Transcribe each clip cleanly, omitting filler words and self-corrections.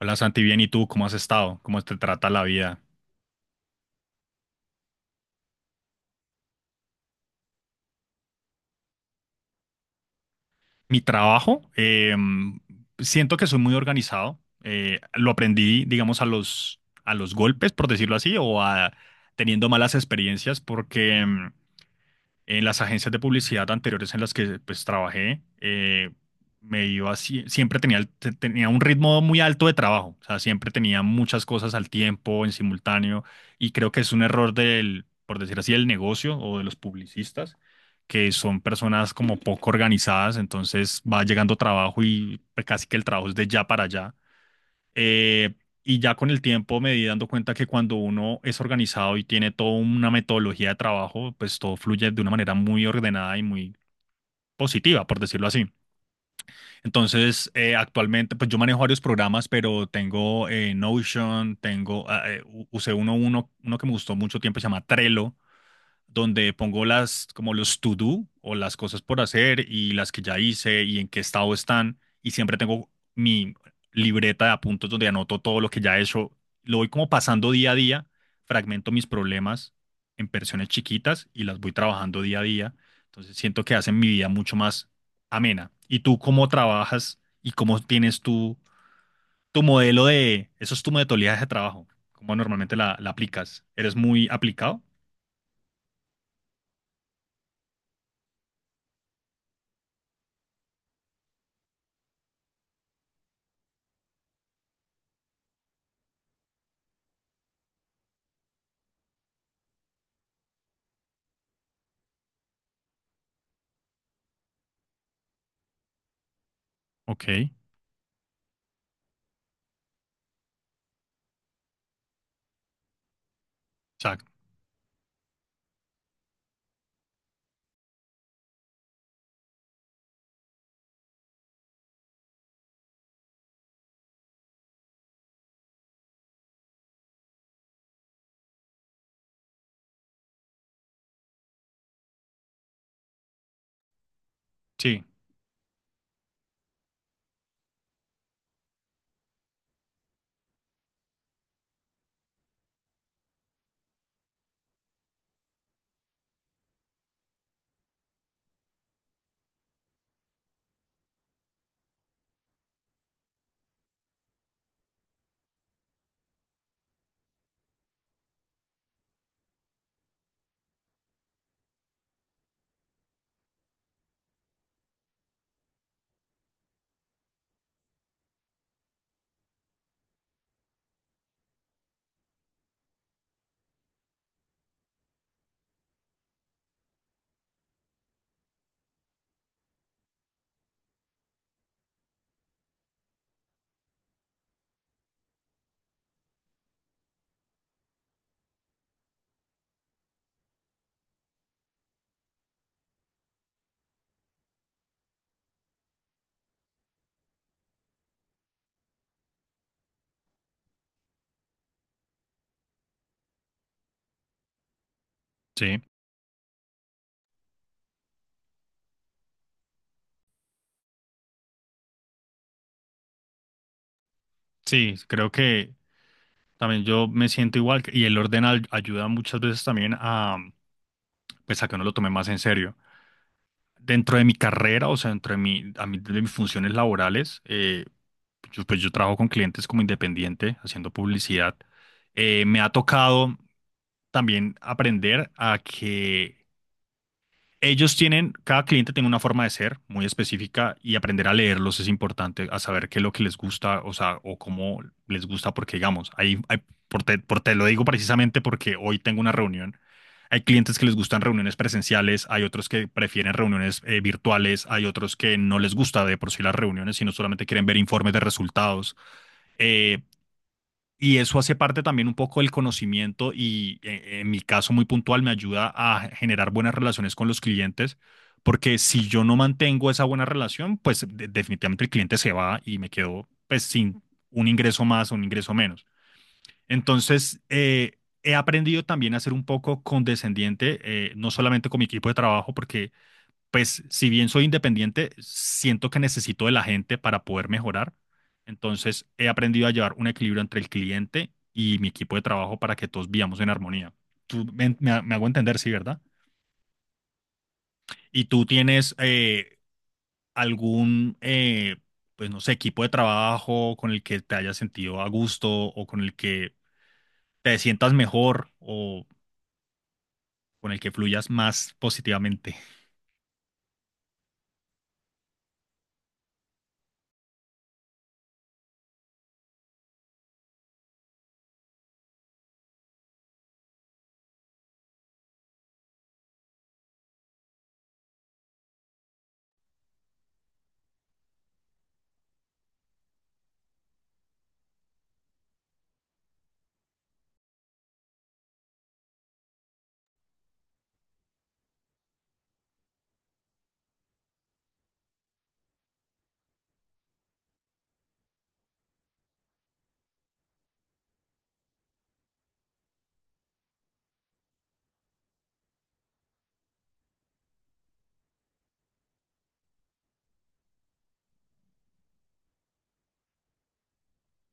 Hola Santi, bien, ¿y tú cómo has estado? ¿Cómo te trata la vida? Mi trabajo, siento que soy muy organizado. Lo aprendí, digamos, a los golpes, por decirlo así, o a teniendo malas experiencias, porque en las agencias de publicidad anteriores en las que pues trabajé, siempre tenía, tenía un ritmo muy alto de trabajo, o sea, siempre tenía muchas cosas al tiempo, en simultáneo, y creo que es un error del, por decir así, del negocio o de los publicistas, que son personas como poco organizadas, entonces va llegando trabajo y pues, casi que el trabajo es de ya para allá. Eh, y ya con el tiempo me di dando cuenta que cuando uno es organizado y tiene toda una metodología de trabajo, pues todo fluye de una manera muy ordenada y muy positiva, por decirlo así. Entonces, actualmente, pues yo manejo varios programas, pero tengo Notion, tengo, usé uno que me gustó mucho tiempo, se llama Trello, donde pongo las, como los to do o las cosas por hacer y las que ya hice y en qué estado están. Y siempre tengo mi libreta de apuntes donde anoto todo lo que ya he hecho. Lo voy como pasando día a día, fragmento mis problemas en versiones chiquitas y las voy trabajando día a día. Entonces siento que hacen mi vida mucho más amena. ¿Y tú cómo trabajas y cómo tienes tu, tu modelo de, eso es tu metodología de trabajo? ¿Cómo normalmente la, la aplicas? ¿Eres muy aplicado? Ok, o Sí. Sí, sí, creo que también yo me siento igual y el orden ayuda muchas veces también a, pues a que uno lo tome más en serio. Dentro de mi carrera, o sea, dentro de mi, de mis funciones laborales, yo, pues yo trabajo con clientes como independiente, haciendo publicidad. Me ha tocado también aprender a que ellos tienen, cada cliente tiene una forma de ser muy específica y aprender a leerlos es importante, a saber qué es lo que les gusta, o sea, o cómo les gusta, porque digamos, por te lo digo precisamente porque hoy tengo una reunión. Hay clientes que les gustan reuniones presenciales, hay otros que prefieren reuniones virtuales, hay otros que no les gusta de por sí las reuniones, sino solamente quieren ver informes de resultados. Eh, y eso hace parte también un poco del conocimiento y en mi caso muy puntual me ayuda a generar buenas relaciones con los clientes, porque si yo no mantengo esa buena relación, pues definitivamente el cliente se va y me quedo pues sin un ingreso más o un ingreso menos. Entonces, he aprendido también a ser un poco condescendiente, no solamente con mi equipo de trabajo, porque pues si bien soy independiente, siento que necesito de la gente para poder mejorar. Entonces he aprendido a llevar un equilibrio entre el cliente y mi equipo de trabajo para que todos vivamos en armonía. Tú me hago entender, sí, ¿verdad? Y tú tienes algún, pues no sé, equipo de trabajo con el que te hayas sentido a gusto o con el que te sientas mejor o con el que fluyas más positivamente.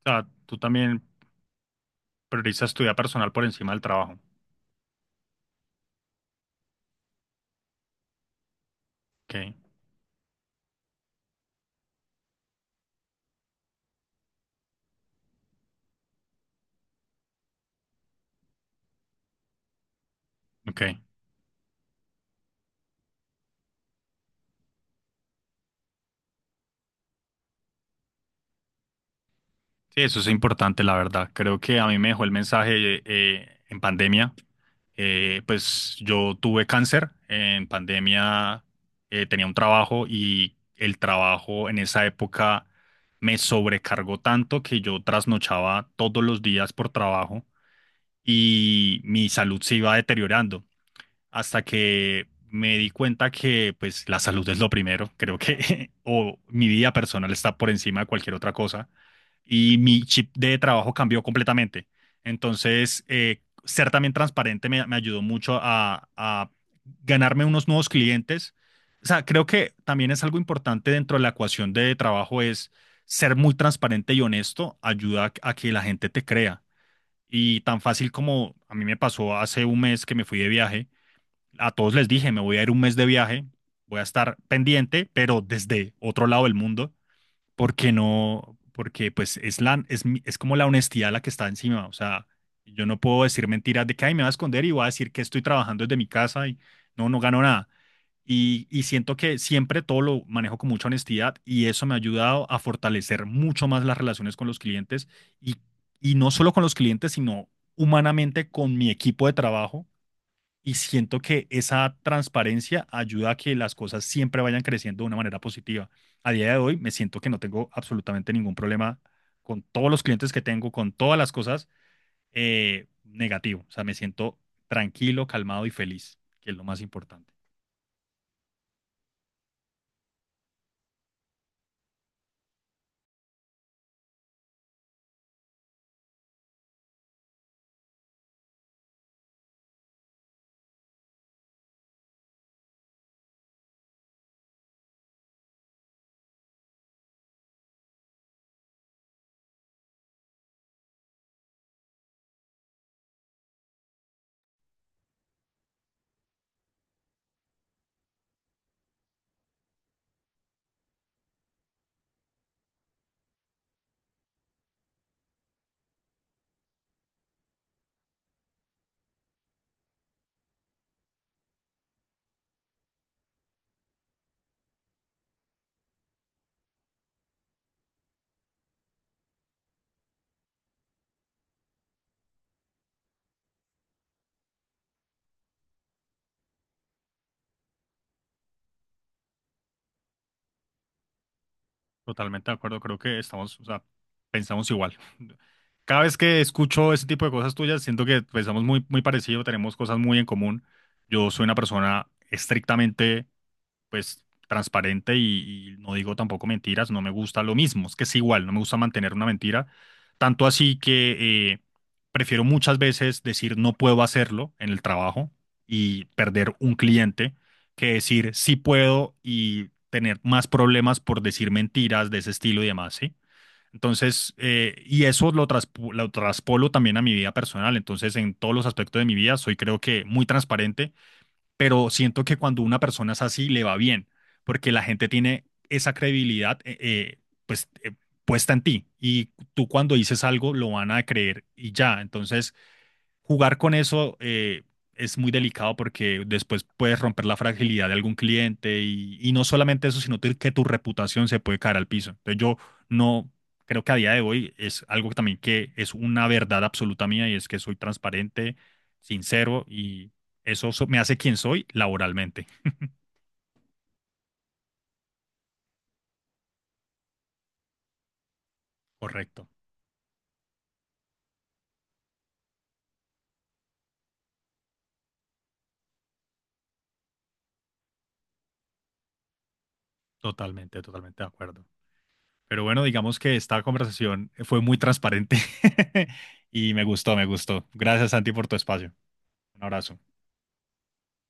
O sea, tú también priorizas tu vida personal por encima del trabajo. Ok, ok. Sí, eso es importante, la verdad. Creo que a mí me dejó el mensaje en pandemia. Pues yo tuve cáncer en pandemia, tenía un trabajo y el trabajo en esa época me sobrecargó tanto que yo trasnochaba todos los días por trabajo y mi salud se iba deteriorando hasta que me di cuenta que pues la salud es lo primero, creo que o mi vida personal está por encima de cualquier otra cosa y mi chip de trabajo cambió completamente. Entonces, ser también transparente me, me ayudó mucho a ganarme unos nuevos clientes. O sea, creo que también es algo importante dentro de la ecuación de trabajo es ser muy transparente y honesto ayuda a que la gente te crea. Y tan fácil como a mí me pasó hace un mes que me fui de viaje, a todos les dije, me voy a ir un mes de viaje, voy a estar pendiente, pero desde otro lado del mundo porque no, porque pues es como la honestidad la que está encima, o sea, yo no puedo decir mentiras de que "Ay, me voy a esconder y voy a decir que estoy trabajando desde mi casa y no, no gano nada. Y siento que siempre todo lo manejo con mucha honestidad y eso me ha ayudado a fortalecer mucho más las relaciones con los clientes y, y no solo con los clientes, sino humanamente con mi equipo de trabajo y siento que esa transparencia ayuda a que las cosas siempre vayan creciendo de una manera positiva. A día de hoy me siento que no tengo absolutamente ningún problema con todos los clientes que tengo, con todas las cosas negativo. O sea, me siento tranquilo, calmado y feliz, que es lo más importante. Totalmente de acuerdo, creo que estamos, o sea, pensamos igual. Cada vez que escucho ese tipo de cosas tuyas, siento que pensamos muy, muy parecido, tenemos cosas muy en común. Yo soy una persona estrictamente pues transparente y no digo tampoco mentiras, no me gusta lo mismo, es que es igual, no me gusta mantener una mentira, tanto así que prefiero muchas veces decir no puedo hacerlo en el trabajo y perder un cliente que decir sí puedo y tener más problemas por decir mentiras de ese estilo y demás, ¿sí? Entonces, y eso lo traspolo también a mi vida personal. Entonces, en todos los aspectos de mi vida, soy creo que muy transparente pero siento que cuando una persona es así, le va bien, porque la gente tiene esa credibilidad pues, puesta en ti y tú cuando dices algo lo van a creer y ya. Entonces, jugar con eso es muy delicado porque después puedes romper la fragilidad de algún cliente y no solamente eso, sino que tu reputación se puede caer al piso. Entonces yo no creo que a día de hoy es algo que también que es una verdad absoluta mía y es que soy transparente, sincero y eso me hace quien soy laboralmente. Correcto, totalmente, totalmente de acuerdo. Pero bueno, digamos que esta conversación fue muy transparente y me gustó, me gustó. Gracias, Santi, por tu espacio. Un abrazo.